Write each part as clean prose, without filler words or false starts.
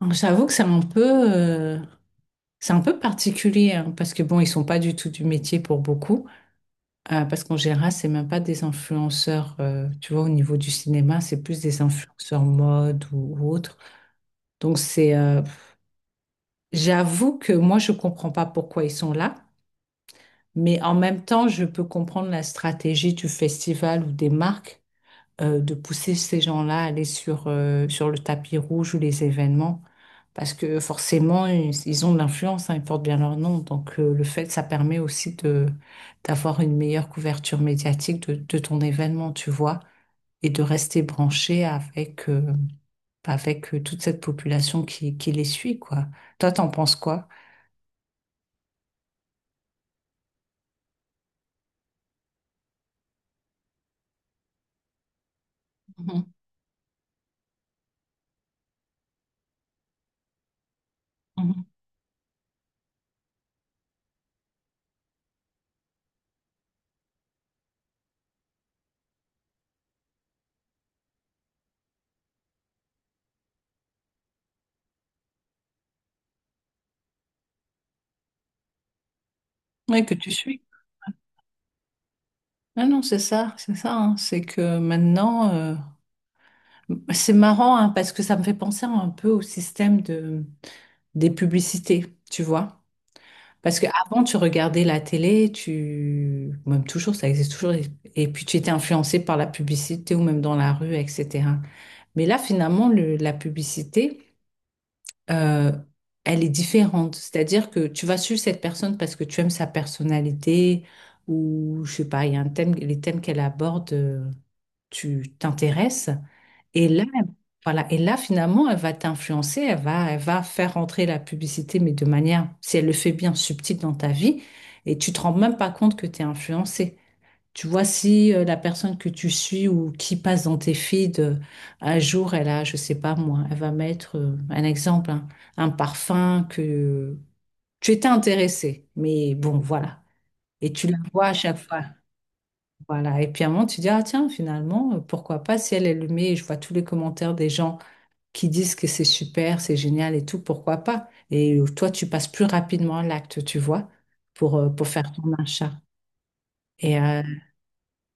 Donc, j'avoue que c'est un peu particulier hein, parce que bon, ils sont pas du tout du métier pour beaucoup. Parce qu'en général, c'est même pas des influenceurs. Tu vois, au niveau du cinéma, c'est plus des influenceurs mode ou autre. Donc c'est, euh, J'avoue que moi, je comprends pas pourquoi ils sont là, mais en même temps, je peux comprendre la stratégie du festival ou des marques de pousser ces gens-là à aller sur le tapis rouge ou les événements. Parce que forcément, ils ont de l'influence, hein, ils portent bien leur nom. Le fait, ça permet aussi de, d'avoir une meilleure couverture médiatique de ton événement, tu vois, et de rester branché avec toute cette population qui les suit, quoi. Toi, t'en penses quoi? Mhm, mhm. Oui, que tu suis. Ah non, c'est ça, c'est ça, hein. C'est que c'est marrant hein, parce que ça me fait penser un peu au système de, des publicités, tu vois. Parce qu'avant, tu regardais la télé, tu... même toujours, ça existe toujours, et puis tu étais influencé par la publicité ou même dans la rue, etc. Mais là, finalement, la publicité, euh, elle est différente. C'est-à-dire que tu vas suivre cette personne parce que tu aimes sa personnalité ou, je sais pas, il y a un thème, les thèmes qu'elle aborde, tu t'intéresses. Et là, voilà. Et là, finalement, elle va t'influencer, elle va faire rentrer la publicité, mais de manière, si elle le fait bien, subtile dans ta vie. Et tu te rends même pas compte que tu es influencé. Tu vois, si la personne que tu suis ou qui passe dans tes feeds, un jour, elle a, je sais pas moi, elle va mettre un exemple, hein, un parfum que tu étais intéressé. Mais bon, voilà. Et tu la vois à chaque fois. Voilà. Et puis à un moment, tu dis, ah tiens, finalement, pourquoi pas si elle le met, et je vois tous les commentaires des gens qui disent que c'est super, c'est génial et tout, pourquoi pas? Et toi, tu passes plus rapidement à l'acte, tu vois, pour faire ton achat. Et euh,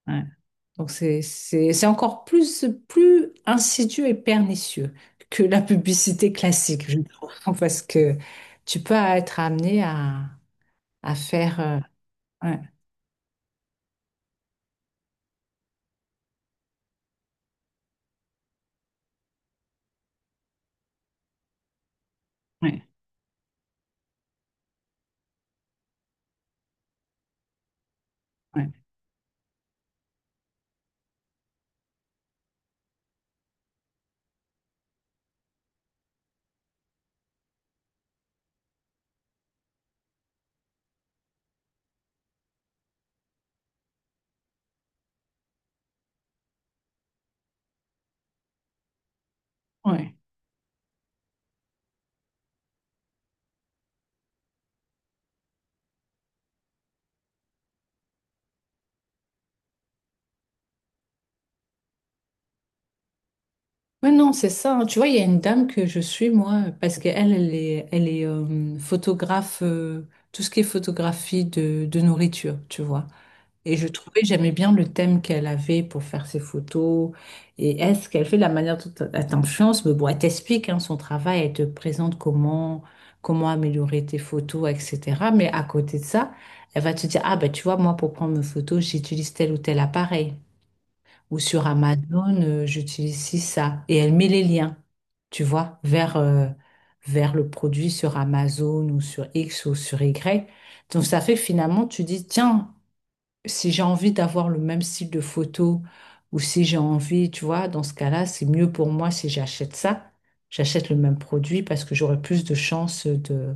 ouais. Donc, c'est encore plus insidieux et pernicieux que la publicité classique, je trouve, parce que tu peux être amené à faire... ouais, ouais, ouais, ouais. Ouais, non, c'est ça, hein. Tu vois, il y a une dame que je suis, moi, parce qu'elle, elle est photographe, tout ce qui est photographie de nourriture, tu vois. Et je trouvais, j'aimais bien le thème qu'elle avait pour faire ses photos. Et est-ce qu'elle fait de la manière dont elle t'influence? Mais bon, elle t'explique hein, son travail, elle te présente comment, comment améliorer tes photos, etc. Mais à côté de ça, elle va te dire, ah ben tu vois, moi, pour prendre mes photos, j'utilise tel ou tel appareil. Ou sur Amazon, j'utilise ci, ça. Et elle met les liens, tu vois, vers le produit sur Amazon ou sur X ou sur Y. Donc ça fait que finalement, tu dis, tiens, si j'ai envie d'avoir le même style de photo ou si j'ai envie, tu vois, dans ce cas-là, c'est mieux pour moi si j'achète ça. J'achète le même produit parce que j'aurai plus de chances de,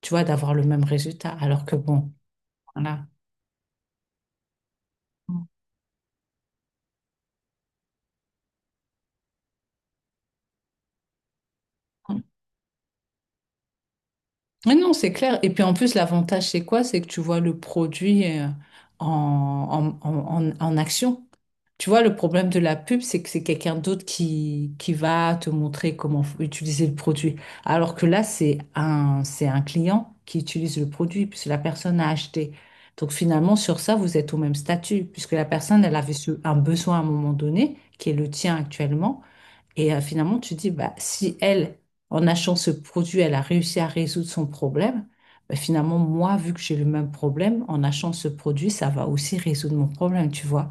tu vois, d'avoir le même résultat. Alors que bon, voilà. Mais non, c'est clair. Et puis en plus, l'avantage, c'est quoi? C'est que tu vois le produit en, en action. Tu vois, le problème de la pub, c'est que c'est quelqu'un d'autre qui va te montrer comment utiliser le produit. Alors que là, c'est un client qui utilise le produit, puisque la personne a acheté. Donc finalement, sur ça, vous êtes au même statut, puisque la personne, elle avait un besoin à un moment donné, qui est le tien actuellement. Finalement, tu dis, bah, si elle, en achetant ce produit, elle a réussi à résoudre son problème, bah, finalement, moi, vu que j'ai le même problème, en achetant ce produit, ça va aussi résoudre mon problème, tu vois.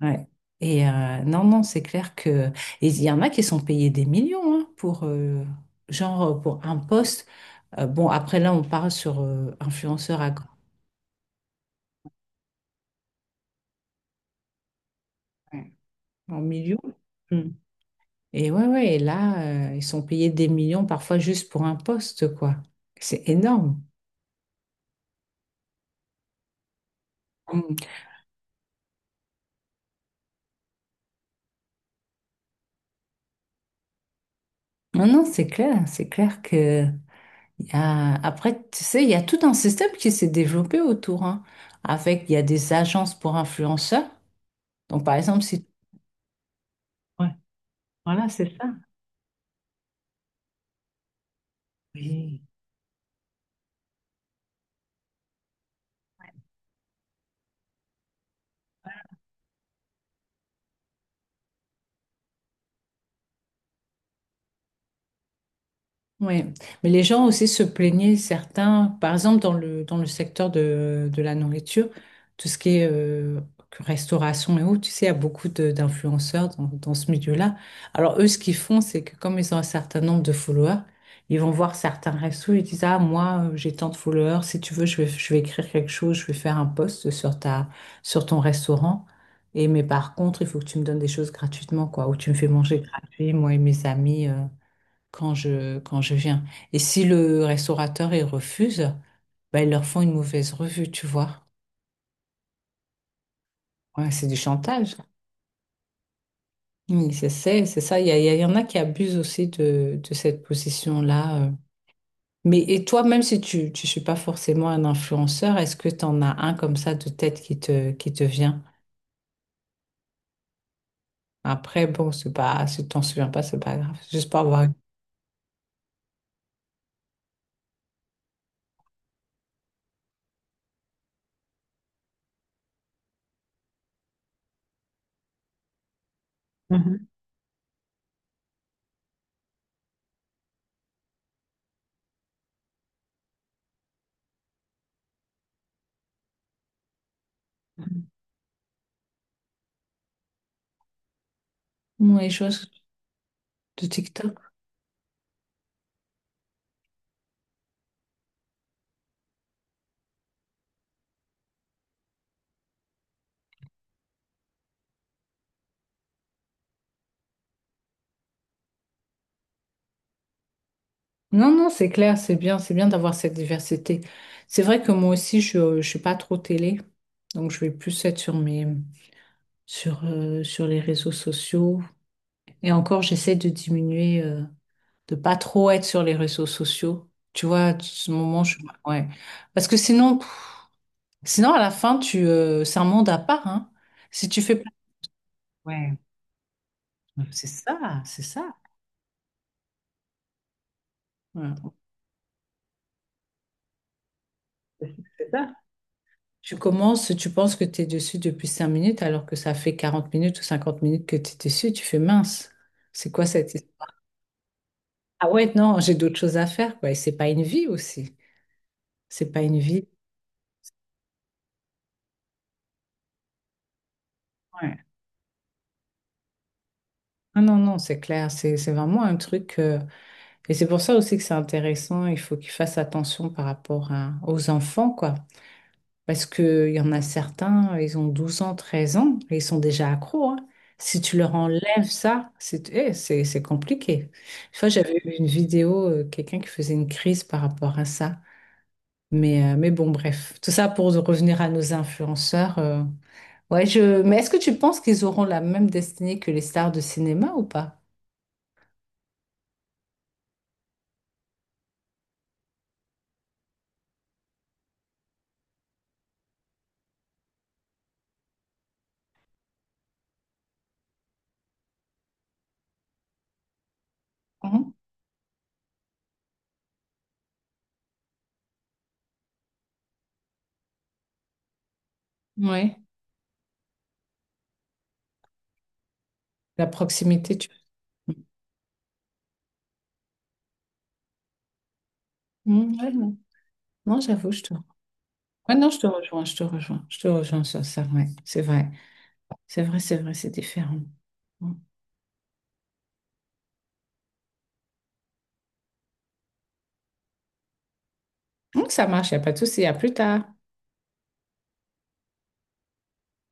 Ouais. Non, non, c'est clair que... et il y en a qui sont payés des millions hein, genre, pour un poste. Bon, après, là, on parle sur influenceurs à... Ouais, en millions. Mm. Et ouais, ouais, et là, ils sont payés des millions parfois juste pour un poste, quoi. C'est énorme. Non, non, c'est clair que y a... après, tu sais, il y a tout un système qui s'est développé autour, hein, avec il y a des agences pour influenceurs. Donc, par exemple, si ouais, voilà, c'est ça. Oui. Oui, mais les gens aussi se plaignaient, certains, par exemple dans le secteur de la nourriture, tout ce qui est que restauration et autres, tu sais, il y a beaucoup de- d'influenceurs dans, dans ce milieu-là. Alors eux, ce qu'ils font, c'est que comme ils ont un certain nombre de followers, ils vont voir certains restos, ils disent, ah, moi, j'ai tant de followers, si tu veux, je vais écrire quelque chose, je vais faire un post sur ta, sur ton restaurant. Et mais par contre, il faut que tu me donnes des choses gratuitement, quoi, ou tu me fais manger gratuit, moi et mes amis. Quand je viens. Et si le restaurateur, il refuse, ben, ils leur font une mauvaise revue, tu vois. Ouais, c'est du chantage. Oui, c'est ça. Il y en a qui abusent aussi de cette position-là. Mais et toi, même si tu ne suis pas forcément un influenceur, est-ce que tu en as un comme ça de tête qui qui te vient? Après, bon, c'est pas, si tu t'en souviens pas, c'est pas grave. Juste pour avoir une- Mhm. Mhm. Ouais, les choses de TikTok. Non, non, c'est clair, c'est bien d'avoir cette diversité. C'est vrai que moi aussi, je ne suis pas trop télé, donc je vais plus être sur mes, sur les réseaux sociaux. Et encore, j'essaie de diminuer, de pas trop être sur les réseaux sociaux. Tu vois, ce moment, je, ouais. Parce que sinon, pff, sinon à la fin, c'est un monde à part, hein. Si tu fais pas, ouais, c'est ça, c'est ça. Ouais. Tu commences, tu penses que tu es dessus depuis 5 minutes alors que ça fait 40 minutes ou 50 minutes que tu es dessus, tu fais mince. C'est quoi cette histoire? Ah ouais, non, j'ai d'autres choses à faire, quoi. Et c'est pas une vie aussi. C'est pas une vie. Ouais. Ah non, non, c'est clair. C'est vraiment un truc. Et c'est pour ça aussi que c'est intéressant. Il faut qu'ils fassent attention par rapport à- aux enfants, quoi. Parce qu'il y en a certains, ils ont 12 ans, 13 ans, et ils sont déjà accros, hein. Si tu leur enlèves ça, c'est eh, c'est compliqué. Une fois, j'avais vu une vidéo, quelqu'un qui faisait une crise par rapport à ça. Mais bon, bref, tout ça pour revenir à nos influenceurs. Ouais, je... Mais est-ce que tu penses qu'ils auront la même destinée que les stars de cinéma ou pas? Mhm. Ouais. La proximité, tu... Mhm, ouais, non, non, j'avoue, je te... Ouais, non, je te rejoins sur ça, ouais, c'est vrai. C'est vrai, c'est vrai, c'est différent. Mm. Donc, ça marche, il n'y a pas de souci. À plus tard.